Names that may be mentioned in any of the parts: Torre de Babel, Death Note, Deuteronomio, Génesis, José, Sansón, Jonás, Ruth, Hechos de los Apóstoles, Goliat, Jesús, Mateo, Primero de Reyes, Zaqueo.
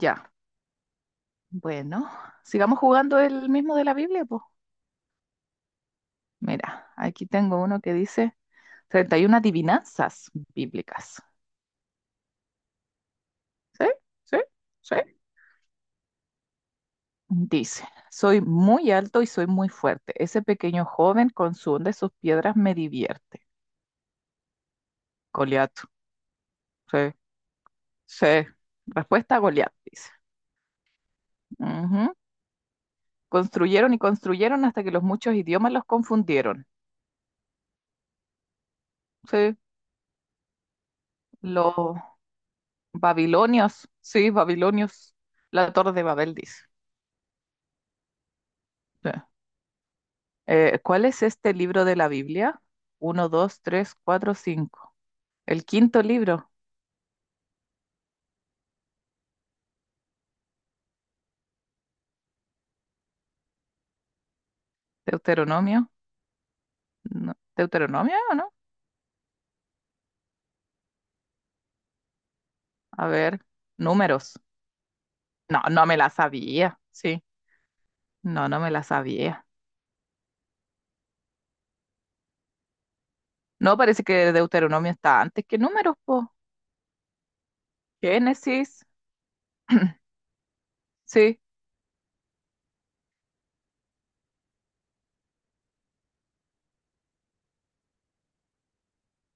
Ya, bueno, sigamos jugando el mismo de la Biblia, pues. Mira, aquí tengo uno que dice 31 adivinanzas bíblicas. ¿Sí? ¿Sí? ¿Sí? Dice, soy muy alto y soy muy fuerte. Ese pequeño joven con su onda y sus piedras me divierte. Goliat. Sí, sí. Respuesta a Goliat, dice. Ujú. Construyeron y construyeron hasta que los muchos idiomas los confundieron. Sí, los babilonios. Sí, babilonios. La Torre de Babel, dice. Sí. ¿Cuál es este libro de la Biblia? Uno, dos, tres, cuatro, cinco. El quinto libro, Deuteronomio. No, ¿Deuteronomio o no? A ver, números. No, no me la sabía. Sí, no, no me la sabía. No, parece que Deuteronomio está antes que números, po. Génesis. Sí.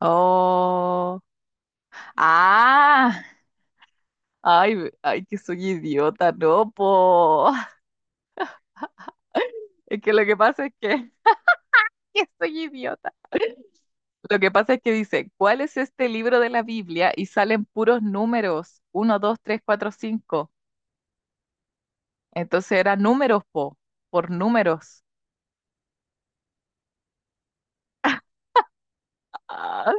Oh. Ah. Ay, ay, que soy idiota, no, po. Es que lo que pasa es que, que soy idiota. Lo que pasa es que dice, ¿cuál es este libro de la Biblia? Y salen puros números, uno 2 3 4 5. Entonces era números, po, por números. Ah,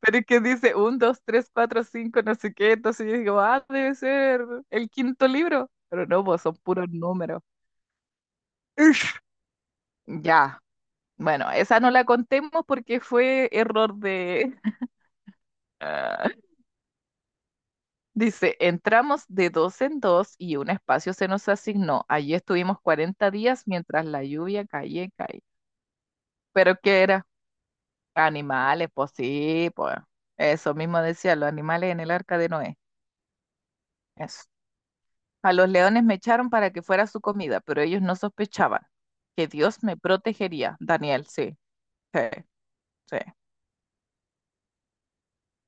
pero es que dice 1, 2 3 4 5 no sé qué. Entonces yo digo, ah, debe ser el quinto libro. Pero no, pues son puros números. Ish. Ya, bueno, esa no la contemos porque fue error de... Dice, entramos de dos en dos y un espacio se nos asignó. Allí estuvimos 40 días mientras la lluvia caía y caía. ¿Pero qué era? Animales, pues sí, pues. Eso mismo decía, los animales en el arca de Noé. Eso. A los leones me echaron para que fuera su comida, pero ellos no sospechaban que Dios me protegería. Daniel, sí, sí, sí.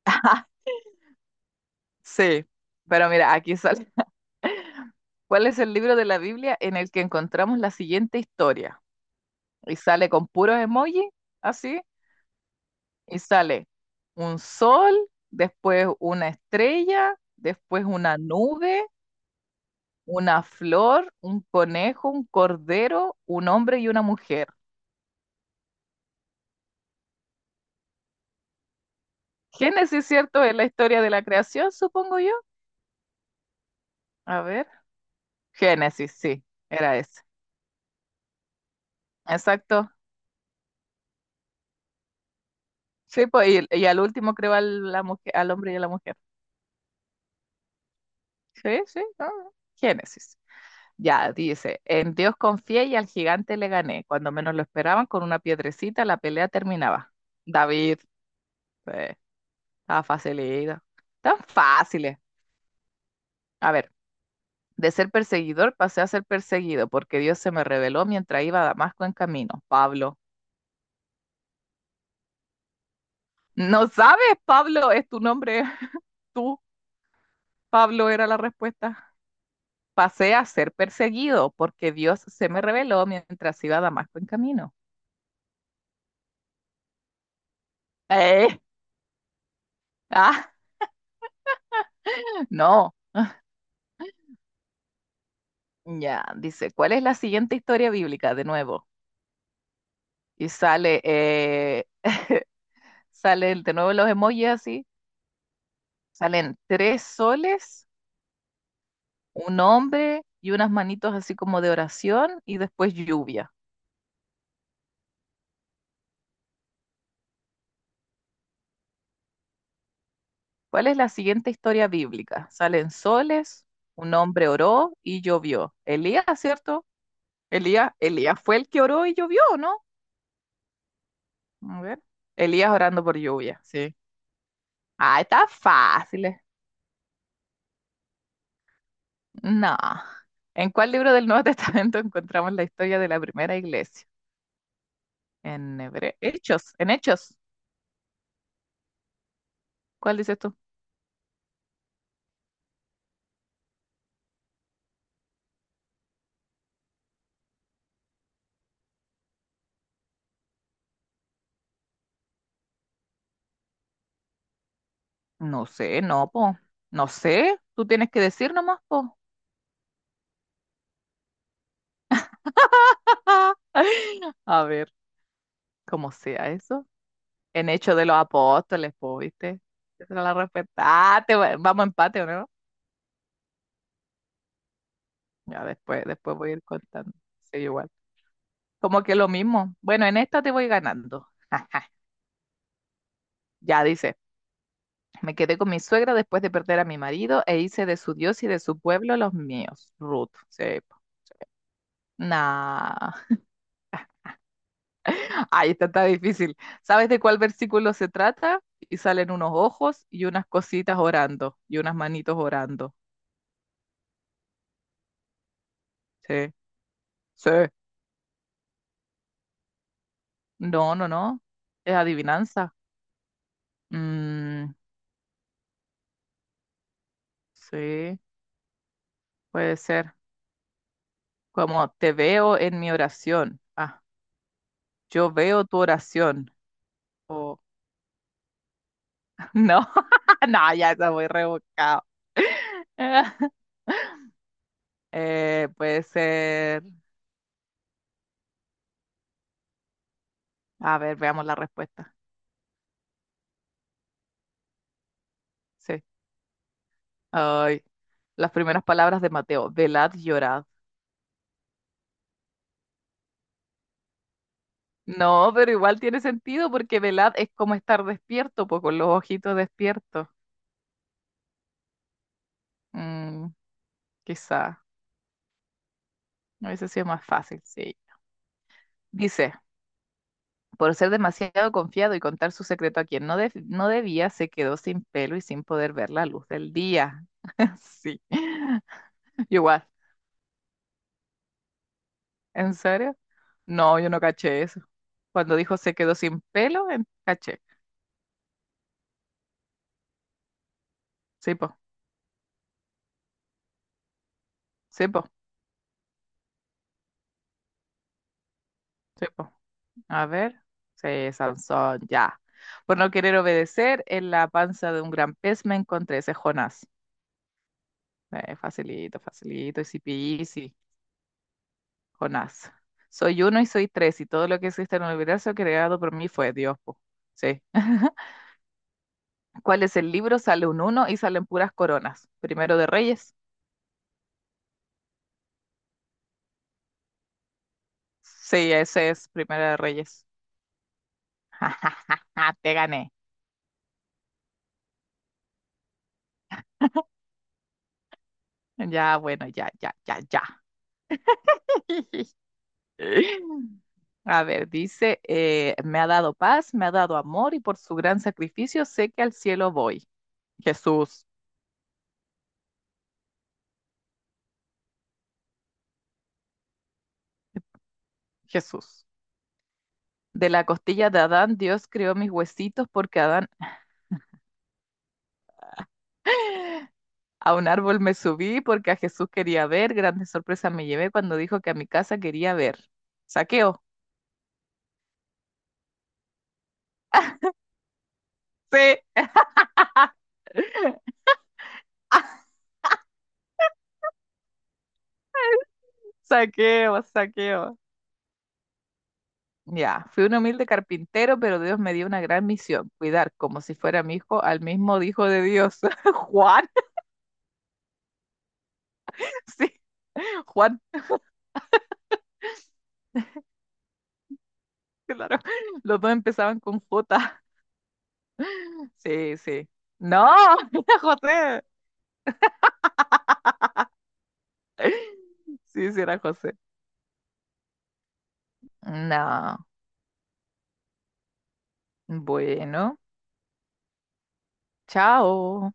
Sí, pero mira, aquí sale. ¿Cuál es el libro de la Biblia en el que encontramos la siguiente historia? Y sale con puros emojis, así, y sale un sol, después una estrella, después una nube, una flor, un conejo, un cordero, un hombre y una mujer. Génesis, ¿cierto? Es la historia de la creación, supongo yo. A ver, Génesis, sí, era ese. Exacto. Sí, pues, y al último creó la mujer, al hombre y a la mujer. Sí, sí, ah, Génesis. Ya, dice, en Dios confié y al gigante le gané. Cuando menos lo esperaban, con una piedrecita la pelea terminaba. David, eh, estaba facilita. Tan fáciles. A ver, de ser perseguidor pasé a ser perseguido, porque Dios se me reveló mientras iba a Damasco en camino. Pablo. ¿No sabes, Pablo? Es tu nombre. Tú, Pablo, era la respuesta. Pasé a ser perseguido, porque Dios se me reveló mientras iba a Damasco en camino. Eh, ah, no. Ya, dice, ¿cuál es la siguiente historia bíblica? De nuevo. Y sale, eh, salen de nuevo los emojis así. Salen tres soles, un hombre y unas manitos así como de oración y después lluvia. ¿Cuál es la siguiente historia bíblica? Salen soles, un hombre oró y llovió. Elías, ¿cierto? Elías, Elías fue el que oró y llovió, ¿no? A ver. Elías orando por lluvia, sí. Ah, está fácil. No. ¿En cuál libro del Nuevo Testamento encontramos la historia de la primera iglesia? En Hechos, en Hechos. ¿Cuál dices tú? No sé, no, po. No sé. Tú tienes que decir nomás, po. A ver, cómo sea eso. En Hechos de los Apóstoles, po, ¿viste? Esa era la respetaste. Vamos a empate, ¿o ¿no? Ya después voy a ir contando. Sí, igual. Como que lo mismo. Bueno, en esta te voy ganando. Ya dice. Me quedé con mi suegra después de perder a mi marido e hice de su Dios y de su pueblo los míos. Ruth. Sí. Po. Nah. Ahí está, está difícil. ¿Sabes de cuál versículo se trata? Y salen unos ojos y unas cositas orando y unas manitos orando. Sí. Sí. No, no, no. Es adivinanza. Mm, sí, puede ser. Como te veo en mi oración. Ah, yo veo tu oración. O no, no, ya está muy rebuscado. Puede ser. A ver, veamos la respuesta. Sí. Ay, las primeras palabras de Mateo. Velad, y llorad. No, pero igual tiene sentido porque velad es como estar despierto, pues con los ojitos despiertos. Mm, quizá. A veces sí es más fácil, sí. Dice, por ser demasiado confiado y contar su secreto a quien no, no debía, se quedó sin pelo y sin poder ver la luz del día. Sí. Igual, ¿en serio? No, yo no caché eso. Cuando dijo se quedó sin pelo, caché. Sí, po, sí, po, sí, po. A ver. Sí, Sansón, ya. Por no querer obedecer, en la panza de un gran pez me encontré, ese es Jonás. Facilito, facilito, easy peasy, Jonás. Soy uno y soy tres, y todo lo que existe en el universo creado por mí fue Dios, po. Sí. ¿Cuál es el libro? Sale un uno y salen puras coronas. Primero de Reyes. Sí, ese es Primero de Reyes. Te gané. Ya, bueno, ya, ya, ya, ya. A ver, dice, me ha dado paz, me ha dado amor y por su gran sacrificio sé que al cielo voy. Jesús, Jesús. De la costilla de Adán, Dios creó mis huesitos porque Adán a un árbol me subí porque a Jesús quería ver. Grande sorpresa me llevé cuando dijo que a mi casa quería ver. Saqueo. Sí, saqueo, saqueo. Ya, fui un humilde carpintero, pero Dios me dio una gran misión, cuidar como si fuera mi hijo al mismo hijo de Dios. Juan, sí, Juan, claro. Los dos empezaban con J. Sí, sí. No, era José. Sí, sí, era José. No. Bueno, chao.